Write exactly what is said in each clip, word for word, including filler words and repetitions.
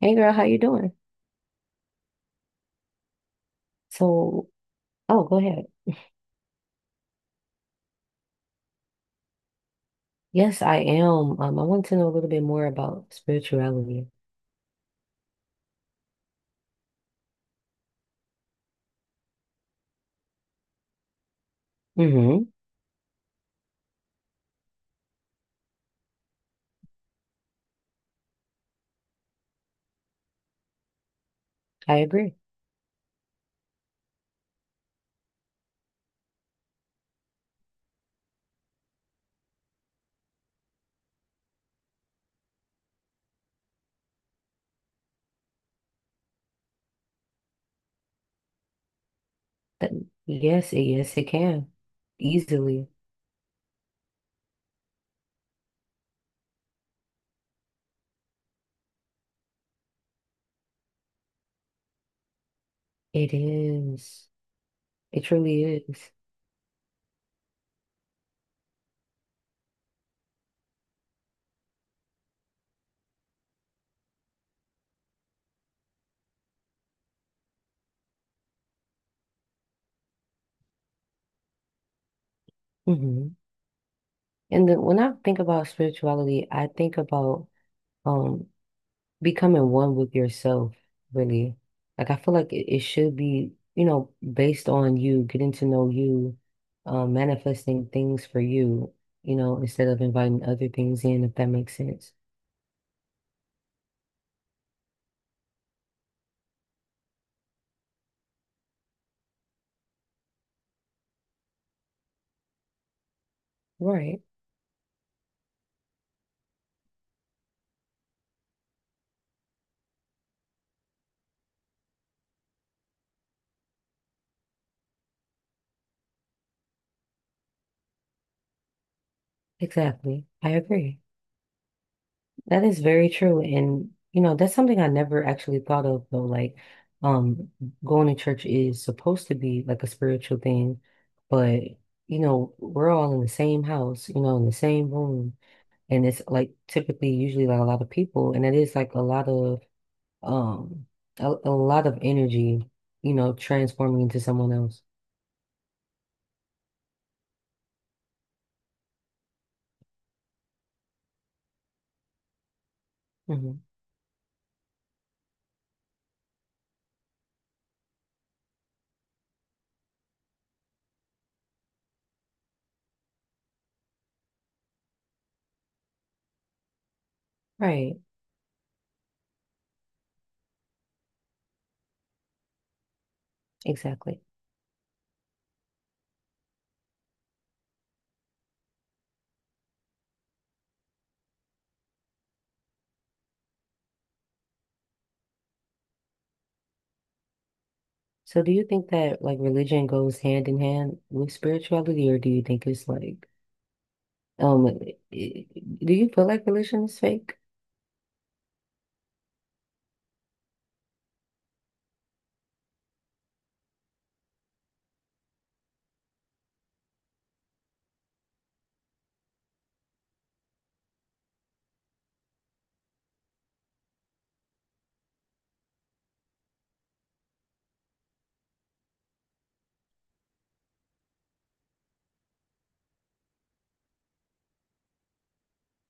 Hey girl, how you doing? So, oh, go ahead. Yes, I am. Um, I want to know a little bit more about spirituality. Mm-hmm. I agree. That, yes, it, yes, it can. Easily. It is. It truly is. Mm-hmm. And then when I think about spirituality, I think about um becoming one with yourself, really. Like I feel like it, it should be, you know, based on you, getting to know you, um, manifesting things for you, you know, instead of inviting other things in, if that makes sense. Right. Exactly. I agree. That is very true. And, you know, that's something I never actually thought of though. Like, um, Going to church is supposed to be like a spiritual thing, but you know, we're all in the same house, you know, in the same room. And it's like typically usually like a lot of people, and it is like a lot of um a, a lot of energy, you know, transforming into someone else. Hmm. Right. Exactly. So do you think that like religion goes hand in hand with spirituality, or do you think it's like um i- i- do you feel like religion is fake?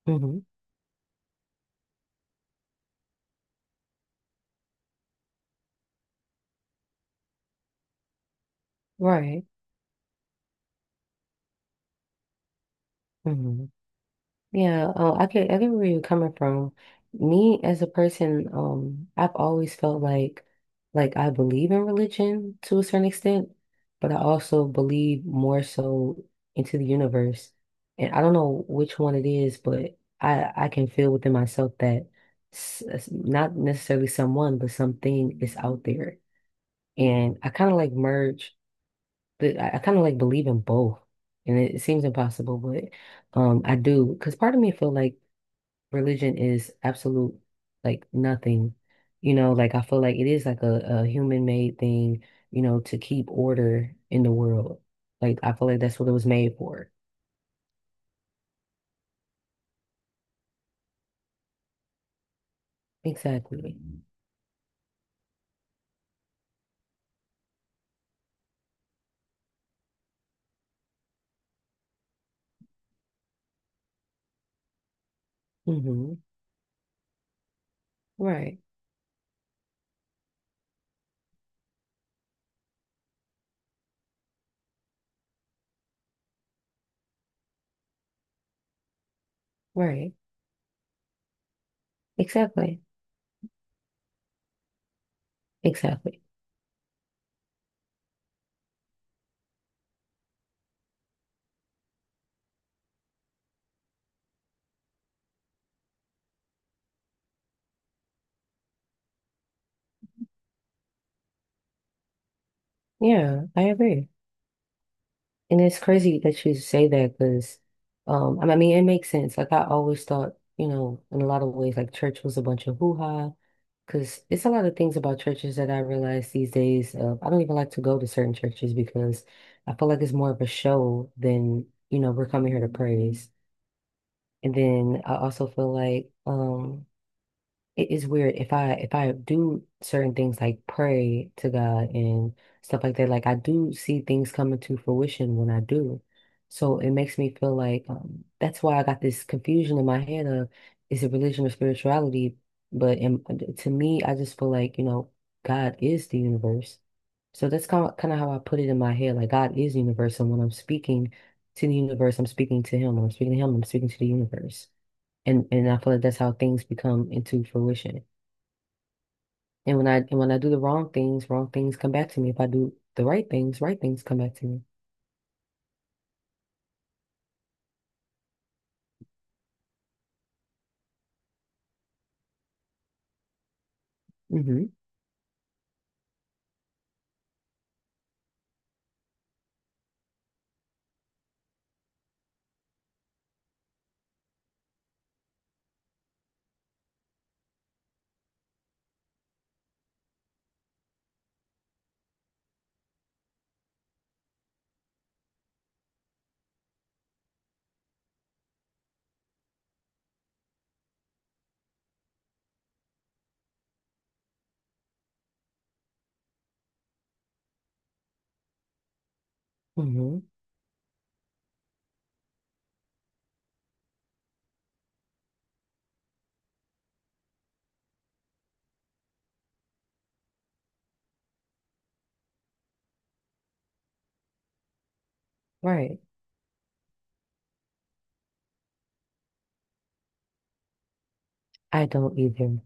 Hmm. Right. Hmm. Yeah, uh, I can, I can where you're coming from. Me as a person, um, I've always felt like like I believe in religion to a certain extent, but I also believe more so into the universe. And I don't know which one it is, but I I can feel within myself that s s- not necessarily someone, but something is out there. And I kind of like merge, but I, I kind of like believe in both. And it, it seems impossible, but um, I do, because part of me feel like religion is absolute like nothing. You know, like I feel like it is like a, a human-made thing, you know, to keep order in the world. Like I feel like that's what it was made for. Exactly. Hmm. Right. Right. Exactly. Exactly. Yeah, I agree. And it's crazy that you say that because, um, I mean, it makes sense. Like I always thought, you know, in a lot of ways, like church was a bunch of hoo-ha. Because it's a lot of things about churches that I realize these days. Uh, I don't even like to go to certain churches, because I feel like it's more of a show than, you know, we're coming here to praise. And then I also feel like, um, it is weird if I if I do certain things like pray to God and stuff like that, like I do see things coming to fruition when I do. So it makes me feel like um, that's why I got this confusion in my head of, is it religion or spirituality? But in, to me, I just feel like, you know, God is the universe. So that's kind of, kind of how I put it in my head. Like God is universe, and when I'm speaking to the universe, I'm speaking to him. When I'm speaking to him, I'm speaking to the universe. And and I feel like that's how things become into fruition. And when I and when I do the wrong things, wrong things come back to me. If I do the right things, right things come back to me. Mm-hmm. Mm-hmm. Right. I don't either.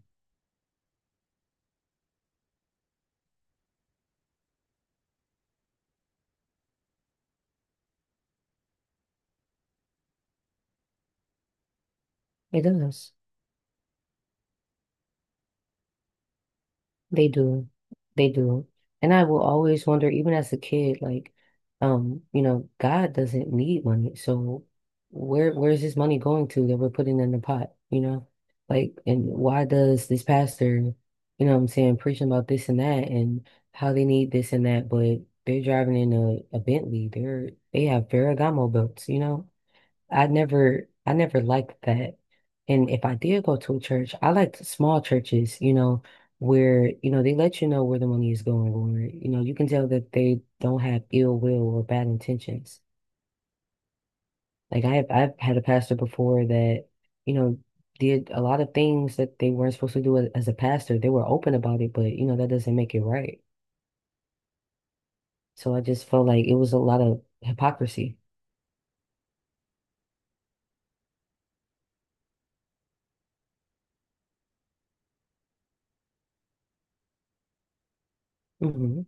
It does. They do. They do. And I will always wonder, even as a kid, like, um, you know, God doesn't need money. So where where's this money going to that we're putting in the pot, you know? Like, and why does this pastor, you know what I'm saying, preaching about this and that and how they need this and that, but they're driving in a, a Bentley. They're they have Ferragamo belts, you know? I never I never liked that. And if I did go to a church, I liked small churches, you know, where, you know, they let you know where the money is going, or, you know, you can tell that they don't have ill will or bad intentions. Like I have I've had a pastor before that, you know, did a lot of things that they weren't supposed to do a- as a pastor. They were open about it, but you know, that doesn't make it right. So I just felt like it was a lot of hypocrisy. Hmm.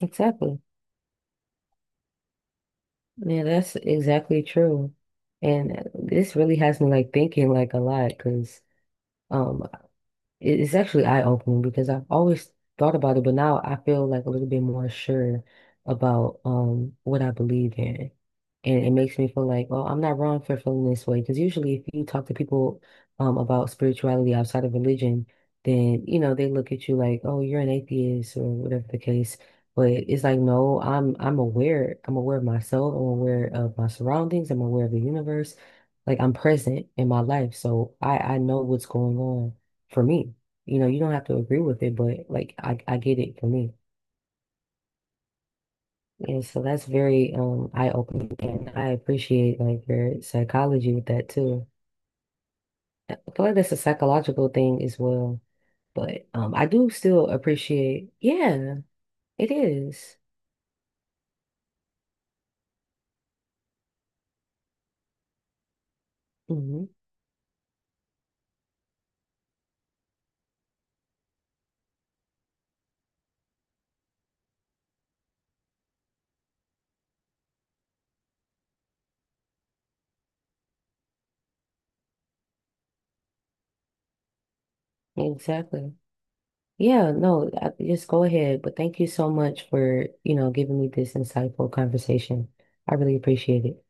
Exactly. Yeah, that's exactly true. And this really has me like thinking like a lot because um it- it's actually eye-opening, because I've always thought about it, but now I feel like a little bit more sure about um what I believe in. And it makes me feel like, oh, I'm not wrong for feeling this way. Because usually if you talk to people um about spirituality outside of religion, then you know, they look at you like, oh, you're an atheist or whatever the case. But it's like, no, I'm I'm aware. I'm aware of myself. I'm aware of my surroundings. I'm aware of the universe. Like I'm present in my life. So I I know what's going on for me. You know, you don't have to agree with it, but like I, I get it for me. And so that's very um eye-opening, and I appreciate like your psychology with that too. I feel like that's a psychological thing as well. But um I do still appreciate, yeah, it is. Mhm. Exactly. Yeah, no, I, just go ahead. But thank you so much for, you know, giving me this insightful conversation. I really appreciate it.